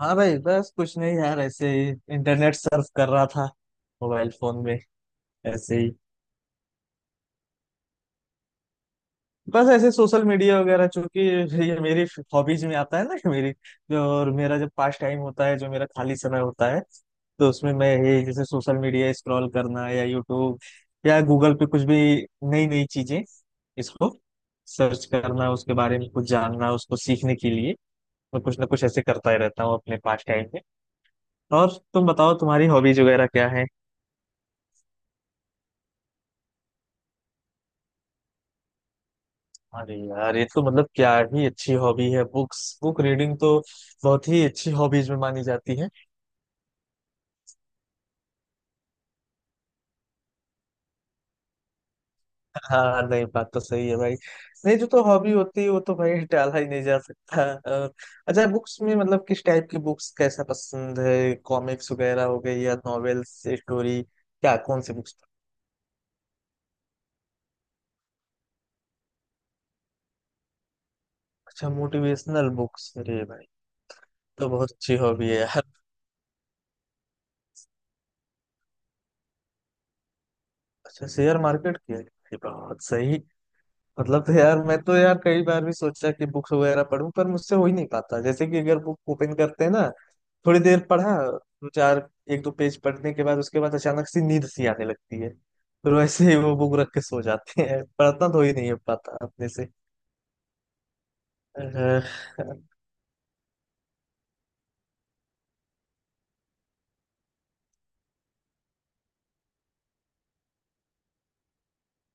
हाँ भाई, बस कुछ नहीं यार, ऐसे ही इंटरनेट सर्फ कर रहा था मोबाइल फोन में। ऐसे ही बस, ऐसे सोशल मीडिया वगैरह, चूंकि ये मेरी हॉबीज में आता है ना। मेरी जो और मेरा जब पास टाइम होता है, जो मेरा खाली समय होता है, तो उसमें मैं ये जैसे सोशल मीडिया स्क्रॉल करना या यूट्यूब या गूगल पे कुछ भी नई नई चीजें इसको सर्च करना, उसके बारे में कुछ जानना, उसको सीखने के लिए मैं कुछ ना कुछ ऐसे करता ही रहता हूँ अपने पास टाइम में। और तुम बताओ, तुम्हारी हॉबीज वगैरह क्या है? अरे यार, ये तो मतलब क्या ही अच्छी हॉबी है। बुक्स, बुक रीडिंग तो बहुत ही अच्छी हॉबीज में मानी जाती है। हाँ नहीं, बात तो सही है भाई। नहीं, जो तो हॉबी होती है वो तो भाई टाला ही नहीं जा सकता। और अच्छा, बुक्स में मतलब किस टाइप की बुक्स कैसा पसंद है? कॉमिक्स वगैरह हो गई या नॉवेल्स स्टोरी, क्या कौन सी बुक्स? अच्छा मोटिवेशनल बुक्स, अरे भाई तो बहुत अच्छी हॉबी है यार। अच्छा शेयर मार्केट की है? अरे, बहुत सही। मतलब तो यार, मैं तो यार कई बार भी सोचा कि बुक्स वगैरह पढूं, पर मुझसे हो ही नहीं पाता। जैसे कि अगर बुक ओपन करते हैं ना, थोड़ी देर पढ़ा, दो चार एक दो पेज पढ़ने के बाद उसके बाद अचानक से नींद सी आने लगती है। फिर वैसे ही वो बुक रख के सो जाते हैं, पढ़ना तो ही नहीं हो पाता अपने से। अह,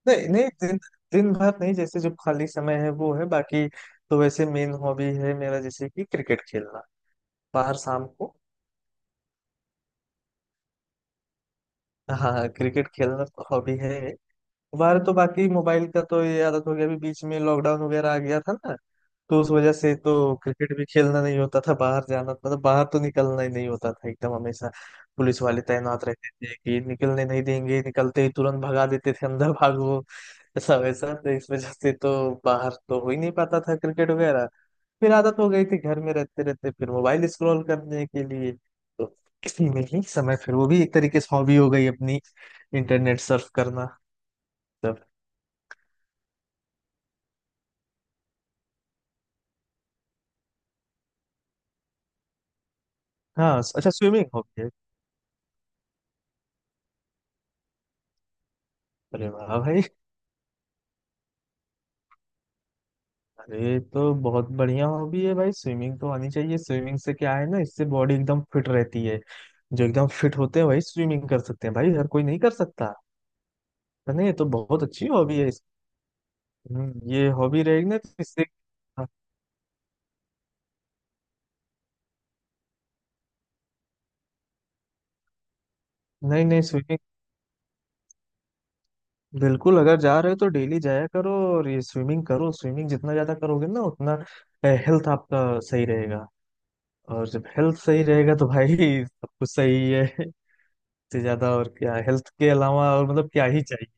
नहीं नहीं, दिन दिन भर नहीं, जैसे जो खाली समय है वो है बाकी। तो वैसे मेन हॉबी है मेरा, जैसे कि क्रिकेट खेलना बाहर शाम को। हाँ हाँ, क्रिकेट खेलना हॉबी है बाहर। तो बाकी मोबाइल का तो ये आदत हो गया। अभी बीच में लॉकडाउन वगैरह आ गया था ना, तो उस वजह से तो क्रिकेट भी खेलना नहीं होता था। बाहर जाना मतलब, बाहर तो निकलना ही नहीं होता था एकदम हमेशा। पुलिस वाले तैनात रहते थे कि निकलने नहीं देंगे, निकलते ही तुरंत भगा देते थे, अंदर भागो ऐसा वैसा। तो इस वजह से तो बाहर तो हो ही नहीं पाता था क्रिकेट वगैरह। फिर आदत हो गई थी घर में रहते रहते, फिर मोबाइल स्क्रॉल करने के लिए तो इसी में ही समय, फिर वो भी एक तरीके से हॉबी हो गई अपनी, इंटरनेट सर्फ करना। हाँ अच्छा, स्विमिंग हॉबी है। अरे वाह भाई! अरे तो बहुत बढ़िया हॉबी है भाई, स्विमिंग तो आनी चाहिए। स्विमिंग से क्या है ना, इससे बॉडी एकदम फिट रहती है। जो एकदम फिट होते हैं वही स्विमिंग कर सकते हैं भाई, हर कोई नहीं कर सकता। तो नहीं, ये तो बहुत अच्छी हॉबी है ये हॉबी रहेगी ना तो इससे। हाँ, नहीं नहीं स्विमिंग, बिल्कुल अगर जा रहे हो तो डेली जाया करो। और ये स्विमिंग करो, स्विमिंग जितना ज्यादा करोगे ना उतना हेल्थ आपका सही रहेगा। और जब हेल्थ सही रहेगा तो भाई सब कुछ सही है। से ज्यादा और क्या, हेल्थ के अलावा और मतलब क्या ही चाहिए।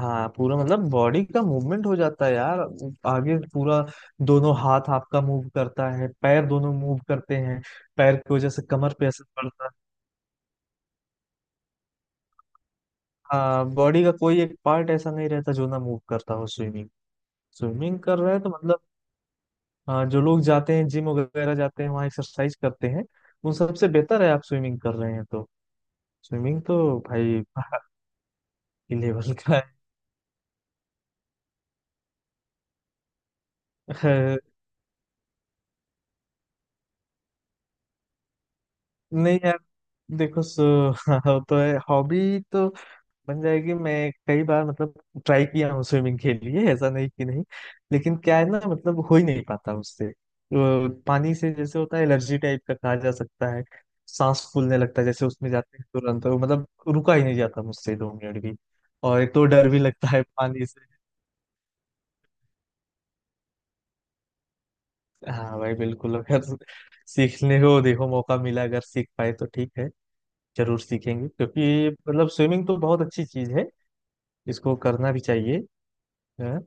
हाँ, पूरा मतलब बॉडी का मूवमेंट हो जाता है यार। आगे पूरा दोनों हाथ आपका मूव करता है, पैर दोनों मूव करते हैं, पैर की वजह से कमर पे असर पड़ता है। हाँ, बॉडी का कोई एक पार्ट ऐसा नहीं रहता जो ना मूव करता हो स्विमिंग। स्विमिंग कर रहे हैं तो मतलब। हाँ, जो लोग जाते हैं जिम वगैरह जाते हैं वहाँ एक्सरसाइज करते हैं, उन सबसे बेहतर है आप स्विमिंग कर रहे हैं तो। स्विमिंग तो भाई बाहर के लेवल का है। नहीं यार, देखो सो वो तो है, हॉबी तो बन जाएगी। मैं कई बार मतलब ट्राई किया हूँ स्विमिंग के लिए, ऐसा नहीं कि नहीं। लेकिन क्या है ना, मतलब हो ही नहीं पाता उससे। वो पानी से जैसे होता है एलर्जी टाइप का कहा जा सकता है। सांस फूलने लगता है, जैसे उसमें जाते हैं तुरंत वो मतलब रुका ही नहीं जाता मुझसे 2 मिनट भी। और एक तो डर भी लगता है पानी से। हाँ भाई बिल्कुल, अगर सीखने को देखो मौका मिला अगर सीख पाए तो ठीक है, जरूर सीखेंगे क्योंकि मतलब स्विमिंग तो बहुत अच्छी चीज है, इसको करना भी चाहिए। हाँ।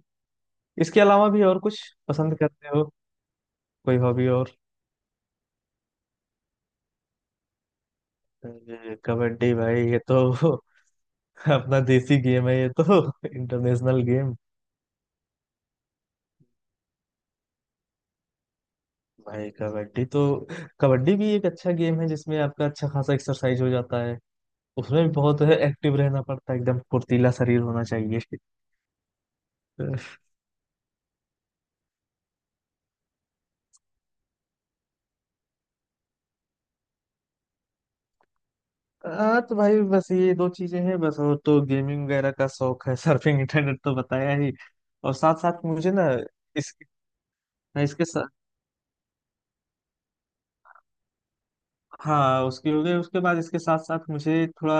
इसके अलावा भी और कुछ पसंद करते हो, कोई हॉबी और? अरे, कबड्डी भाई! ये तो अपना देसी गेम है। ये तो इंटरनेशनल गेम। भाई कबड्डी तो, कबड्डी भी एक अच्छा गेम है जिसमें आपका अच्छा खासा एक्सरसाइज हो जाता है। उसमें भी बहुत एक्टिव रहना पड़ता है, एकदम फुर्तीला शरीर होना चाहिए। हाँ तो भाई बस ये दो चीजें हैं बस। और तो गेमिंग वगैरह का शौक है सर्फिंग इंटरनेट तो बताया ही। और साथ साथ मुझे ना इस, इसके सा- हाँ, उसकी हो गई। उसके बाद इसके साथ साथ मुझे थोड़ा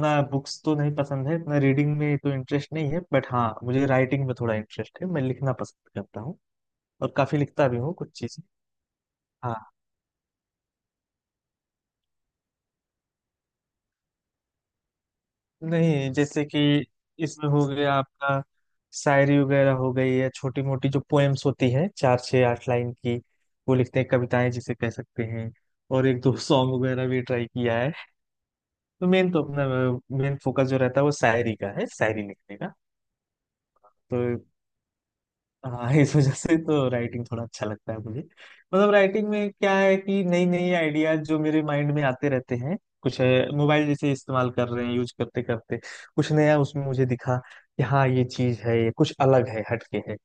ना, बुक्स तो नहीं पसंद है ना, रीडिंग में तो इंटरेस्ट नहीं है, बट हाँ मुझे राइटिंग में थोड़ा इंटरेस्ट है, मैं लिखना पसंद करता हूँ और काफी लिखता भी हूँ कुछ चीजें। हाँ नहीं, जैसे कि इसमें हो गया आपका, शायरी वगैरह हो गई या छोटी मोटी जो पोएम्स होती हैं चार छः आठ लाइन की, वो लिखते हैं, कविताएं जिसे कह सकते हैं। और एक दो सॉन्ग वगैरह भी ट्राई किया है। तो मेन तो अपना मेन फोकस जो रहता है वो शायरी का है, शायरी लिखने का तो। हाँ इस वजह से तो राइटिंग थोड़ा अच्छा लगता है मुझे। मतलब राइटिंग में क्या है कि नई नई आइडियाज जो मेरे माइंड में आते रहते हैं, कुछ मोबाइल जैसे इस्तेमाल कर रहे हैं यूज करते करते कुछ नया उसमें मुझे दिखा कि हाँ ये चीज है, ये कुछ अलग है, हटके है।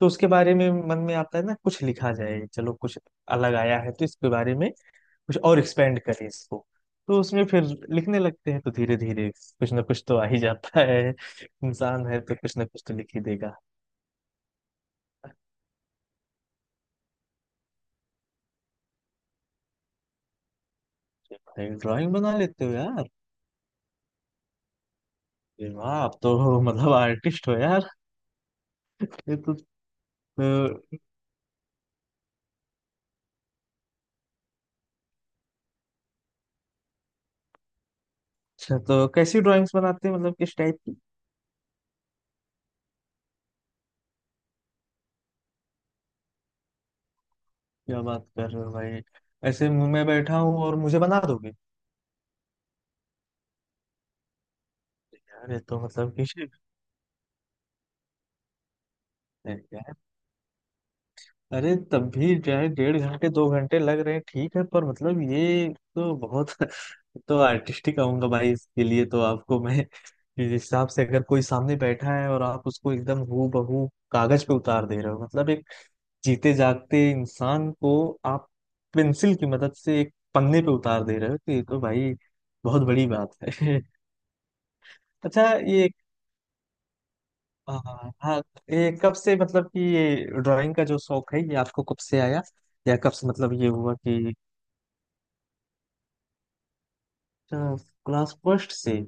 तो उसके बारे में मन में आता है ना कुछ लिखा जाए, चलो कुछ अलग आया है तो इसके बारे में कुछ और एक्सपेंड करें इसको। तो उसमें फिर लिखने लगते हैं, तो धीरे धीरे कुछ ना कुछ तो आ ही जाता है। इंसान है तो कुछ ना कुछ तो लिख ही देगा। भाई ड्राइंग बना लेते हो यार! ये वाह, आप तो मतलब आर्टिस्ट हो यार। ये तो, तो अच्छा, तो कैसी ड्राइंग्स बनाते हैं मतलब किस टाइप की? क्या बात कर रहे हो भाई! ऐसे मुंह में बैठा हूँ और मुझे बना दोगे? यार ये तो मतलब कि, यार अरे तब भी जो है, 1.5 घंटे 2 घंटे लग रहे हैं ठीक है, पर मतलब ये तो बहुत तो आर्टिस्टिक कहूंगा भाई इसके लिए तो आपको मैं जिस हिसाब से अगर कोई सामने बैठा है और आप उसको एकदम हूबहू कागज पे उतार दे रहे हो, मतलब एक जीते जागते इंसान को आप पेंसिल की मदद से एक पन्ने पे उतार दे रहे हो, तो ये तो भाई बहुत बड़ी बात है। अच्छा ये, हाँ हाँ, ये कब से मतलब कि ये ड्राइंग का जो शौक है ये आपको कब से आया या कब से मतलब ये हुआ कि? अच्छा, क्लास फर्स्ट से!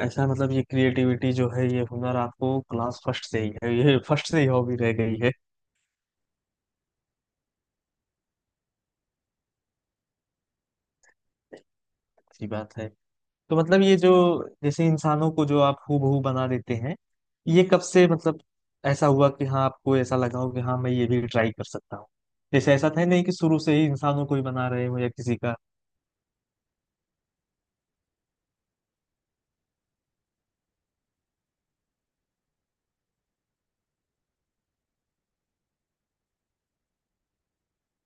ऐसा मतलब ये क्रिएटिविटी जो है ये हुनर आपको क्लास फर्स्ट से ही है, ये फर्स्ट से ही हॉबी रह गई है। अच्छी बात है। तो मतलब ये जो जैसे इंसानों को जो आप हूबहू बना देते हैं, ये कब से मतलब ऐसा हुआ कि हाँ आपको ऐसा लगा हो कि हाँ मैं ये भी ट्राई कर सकता हूँ? जैसे ऐसा था नहीं कि शुरू से ही इंसानों को ही बना रहे हो या किसी का।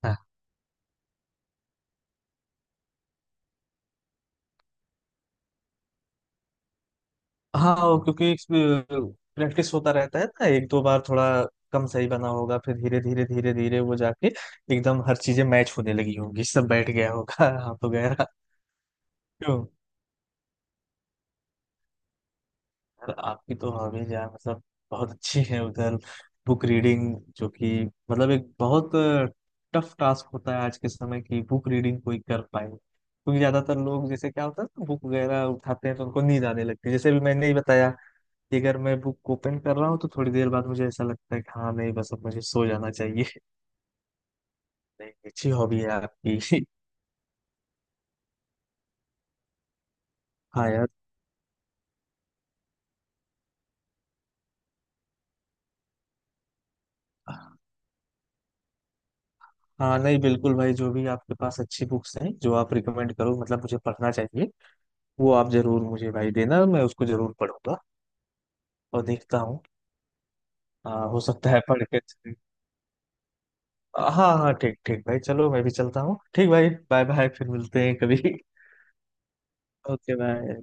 हाँ हाँ, और क्योंकि प्रैक्टिस होता रहता है ना, एक दो बार थोड़ा कम सही बना होगा फिर धीरे धीरे धीरे धीरे वो जाके एकदम हर चीजें मैच होने लगी होंगी, सब बैठ गया होगा हाथ वगैरह। यार आपकी तो हॉबीज यार मतलब बहुत अच्छी है उधर। बुक रीडिंग जो कि मतलब एक बहुत टफ टास्क होता है आज के समय की, बुक रीडिंग कोई कर पाए क्योंकि ज्यादातर लोग जैसे क्या होता है ना बुक वगैरह उठाते हैं तो उनको नींद आने लगती है, जैसे भी मैंने ही बताया कि अगर मैं बुक ओपन कर रहा हूँ तो थोड़ी देर बाद मुझे ऐसा लगता है कि हाँ नहीं बस अब मुझे सो जाना चाहिए नहीं अच्छी हॉबी है आपकी। हाँ यार। हाँ नहीं बिल्कुल भाई, जो भी आपके पास अच्छी बुक्स हैं जो आप रिकमेंड करो मतलब मुझे पढ़ना चाहिए, वो आप जरूर मुझे भाई देना, मैं उसको जरूर पढ़ूंगा और देखता हूँ। हाँ, हो सकता है हाँ हाँ ठीक ठीक भाई चलो, मैं भी चलता हूँ। ठीक भाई, बाय बाय, फिर मिलते हैं कभी ओके बाय।